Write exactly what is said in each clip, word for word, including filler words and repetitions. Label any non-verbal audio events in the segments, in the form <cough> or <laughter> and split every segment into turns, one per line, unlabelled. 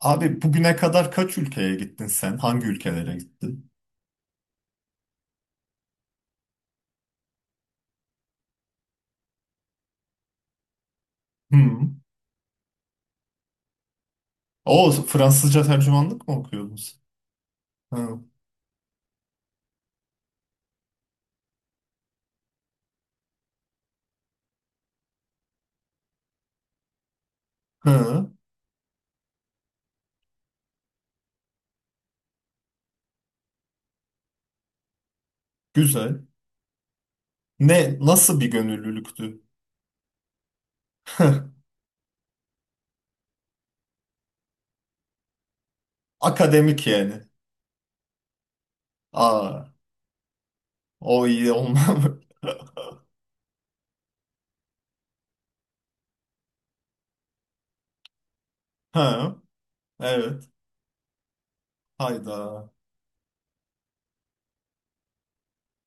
Abi bugüne kadar kaç ülkeye gittin sen? Hangi ülkelere gittin? Hı. O Fransızca tercümanlık mı okuyordun sen? Hı. Hı. Güzel. Ne nasıl bir gönüllülüktü? <laughs> Akademik yani. Aa, o iyi olmam. <laughs> Ha, evet. Hayda.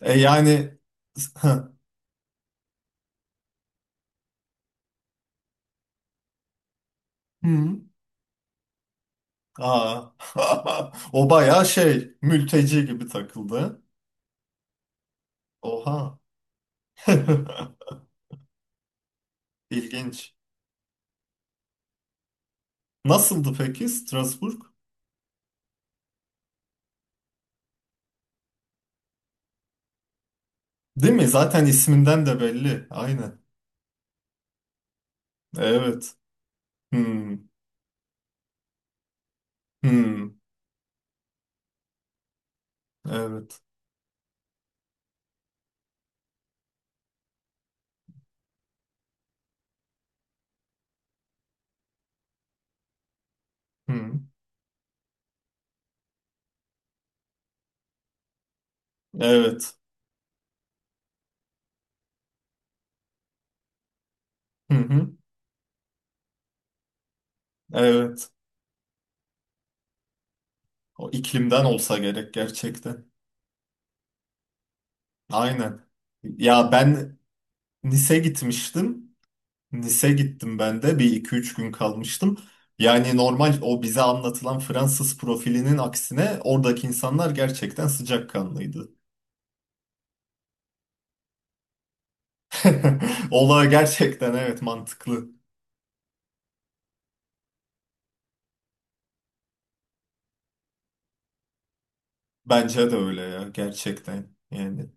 E yani hı. Hı. Aa. <laughs> O bayağı şey mülteci gibi takıldı. Oha. <laughs> İlginç. Nasıldı peki Strasbourg? Değil mi? Zaten isminden de belli. Aynen. Evet. Hmm. Hmm. Evet. Hmm. Evet. Hı hı. Evet. O iklimden olsa gerek gerçekten. Aynen. Ya ben Nice gitmiştim. Nice gittim ben de. Bir iki üç gün kalmıştım. Yani normal o bize anlatılan Fransız profilinin aksine oradaki insanlar gerçekten sıcakkanlıydı. <laughs> Olay gerçekten evet mantıklı. Bence de öyle ya gerçekten yani.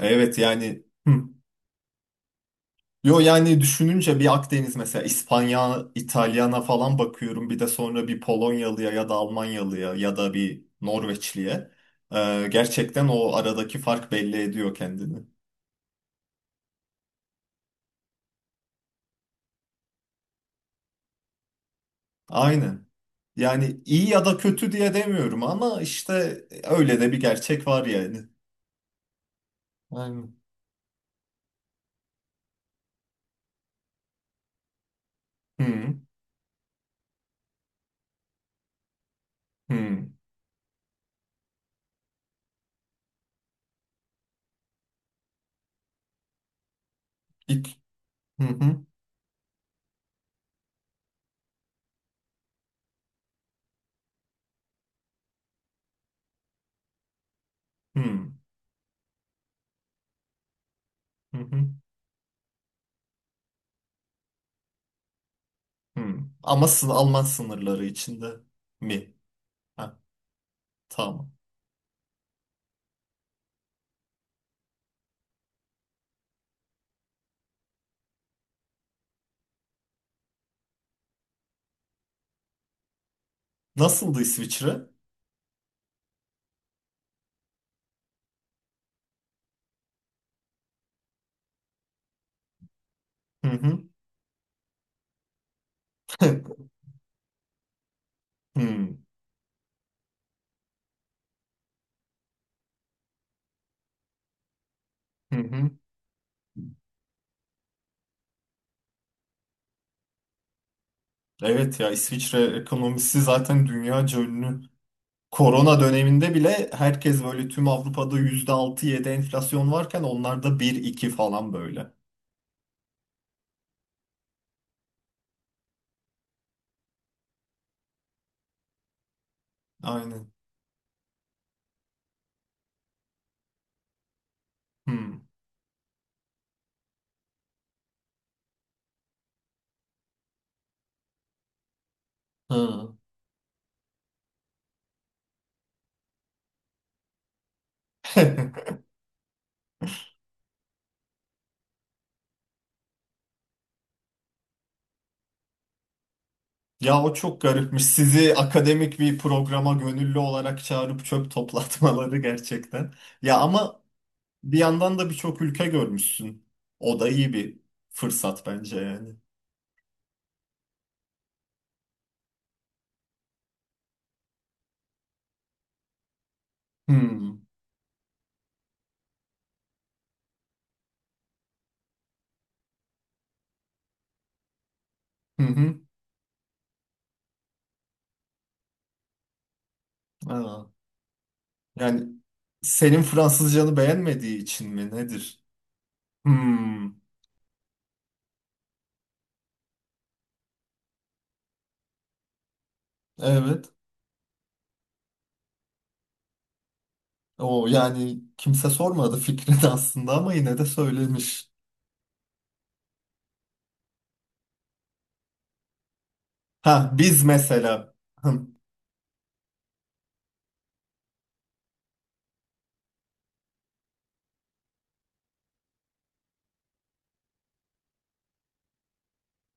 Evet yani hı. Yo yani düşününce bir Akdeniz mesela İspanya, İtalyana falan bakıyorum bir de sonra bir Polonyalıya ya da Almanyalıya ya da bir Norveçliye. Ee, gerçekten o aradaki fark belli ediyor kendini. Aynen. Yani iyi ya da kötü diye demiyorum ama işte öyle de bir gerçek var yani. Aynen. Hı hı. İk- hı hı hı hı hı. Hı. Ama sın- Alman sınırları içinde mi? Ha, tamam. Nasıldı İsviçre? Hı hı. <laughs> Hı hı. Hı. Evet ya İsviçre ekonomisi zaten dünyaca ünlü. Korona döneminde bile herkes böyle tüm Avrupa'da yüzde altı yedi enflasyon varken onlarda bir iki falan böyle. Aynen. Hı. Hı. <laughs> Ya o çok garipmiş. Sizi akademik bir programa gönüllü olarak çağırıp çöp toplatmaları gerçekten. Ya ama bir yandan da birçok ülke görmüşsün. O da iyi bir fırsat bence yani. Hı hı. Hı. Aa. Yani senin Fransızcanı beğenmediği için mi nedir? Hmm, evet. O yani kimse sormadı fikrini <laughs> aslında ama yine de söylemiş. Ha biz mesela. Hım,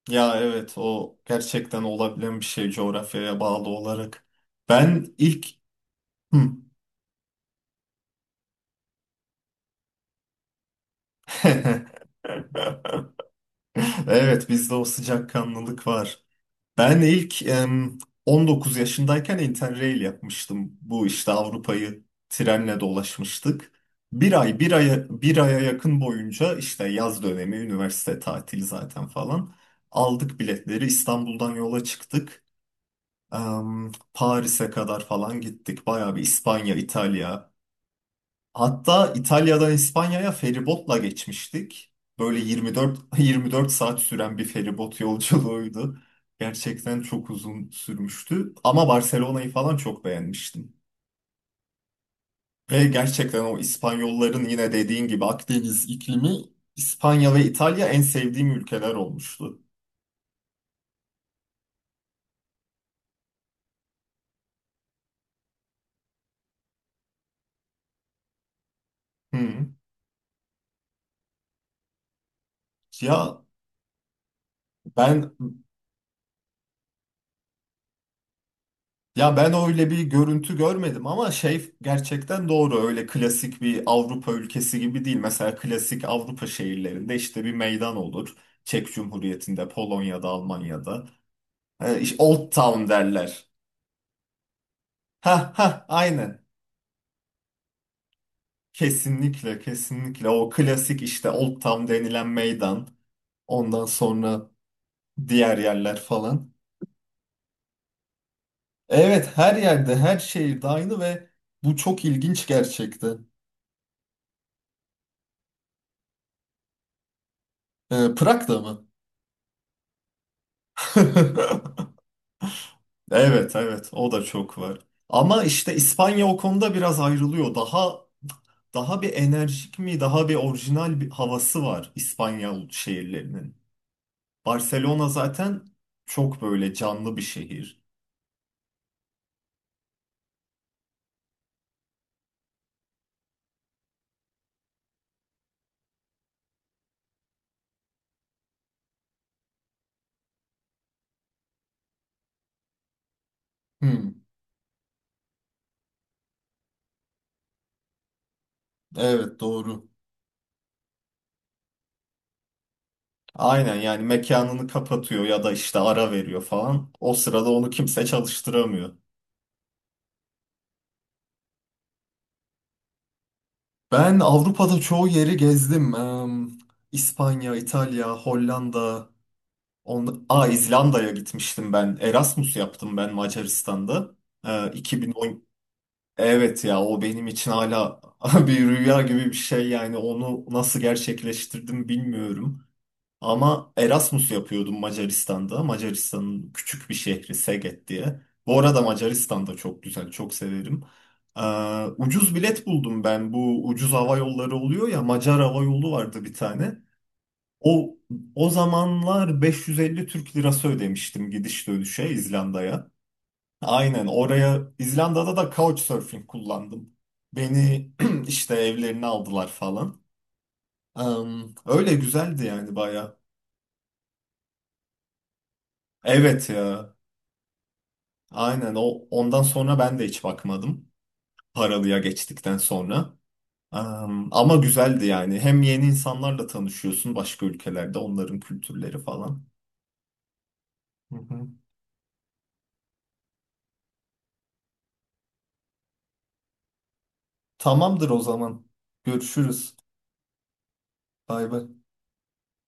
ya evet o gerçekten olabilen bir şey coğrafyaya bağlı olarak. Ben ilk... Hım. <laughs> Evet bizde o sıcakkanlılık var. Ben ilk em, on dokuz yaşındayken Interrail yapmıştım. Bu işte Avrupa'yı trenle dolaşmıştık. Bir ay, bir aya, bir aya yakın boyunca işte yaz dönemi, üniversite tatili zaten falan. Aldık biletleri, İstanbul'dan yola çıktık. Em, Paris'e kadar falan gittik. Bayağı bir İspanya, İtalya, hatta İtalya'dan İspanya'ya feribotla geçmiştik. Böyle 24 24 <laughs> saat süren bir feribot yolculuğuydu. Gerçekten çok uzun sürmüştü ama Barcelona'yı falan çok beğenmiştim. Ve gerçekten o İspanyolların yine dediğin gibi Akdeniz iklimi İspanya ve İtalya en sevdiğim ülkeler olmuştu. Hı. Ya ben Ya ben öyle bir görüntü görmedim ama şey gerçekten doğru öyle klasik bir Avrupa ülkesi gibi değil. Mesela klasik Avrupa şehirlerinde işte bir meydan olur. Çek Cumhuriyeti'nde, Polonya'da, Almanya'da. E, işte Old Town derler. Ha ha aynen. Kesinlikle kesinlikle o klasik işte Old Town denilen meydan. Ondan sonra diğer yerler falan. Evet her yerde her şehirde aynı ve bu çok ilginç gerçekten. E, Prag'da mı? <laughs> Evet evet o da çok var. Ama işte İspanya o konuda biraz ayrılıyor. Daha daha bir enerjik mi, daha bir orijinal bir havası var İspanya şehirlerinin. Barcelona zaten çok böyle canlı bir şehir. Hmm, evet doğru. Aynen yani mekanını kapatıyor ya da işte ara veriyor falan. O sırada onu kimse çalıştıramıyor. Ben Avrupa'da çoğu yeri gezdim. Em, İspanya, İtalya, Hollanda, On, Aa, İzlanda'ya gitmiştim ben. Erasmus yaptım ben Macaristan'da. Ee, iki bin on. Evet ya o benim için hala <laughs> bir rüya gibi bir şey yani onu nasıl gerçekleştirdim bilmiyorum. Ama Erasmus yapıyordum Macaristan'da. Macaristan'ın küçük bir şehri Szeged diye. Bu arada Macaristan da çok güzel, çok severim. Ee, ucuz bilet buldum ben. Bu ucuz hava yolları oluyor ya Macar hava yolu vardı bir tane. O o zamanlar beş yüz elli Türk lirası ödemiştim gidiş dönüşe İzlanda'ya. Aynen oraya İzlanda'da da couchsurfing kullandım. Beni <clears throat> işte evlerine aldılar falan. Am, öyle güzeldi yani baya. Evet ya. Aynen o ondan sonra ben de hiç bakmadım. Paralıya geçtikten sonra. Am, ama güzeldi yani. Hem yeni insanlarla tanışıyorsun başka ülkelerde onların kültürleri falan. Hı hı. Tamamdır o zaman. Görüşürüz. Bay bay.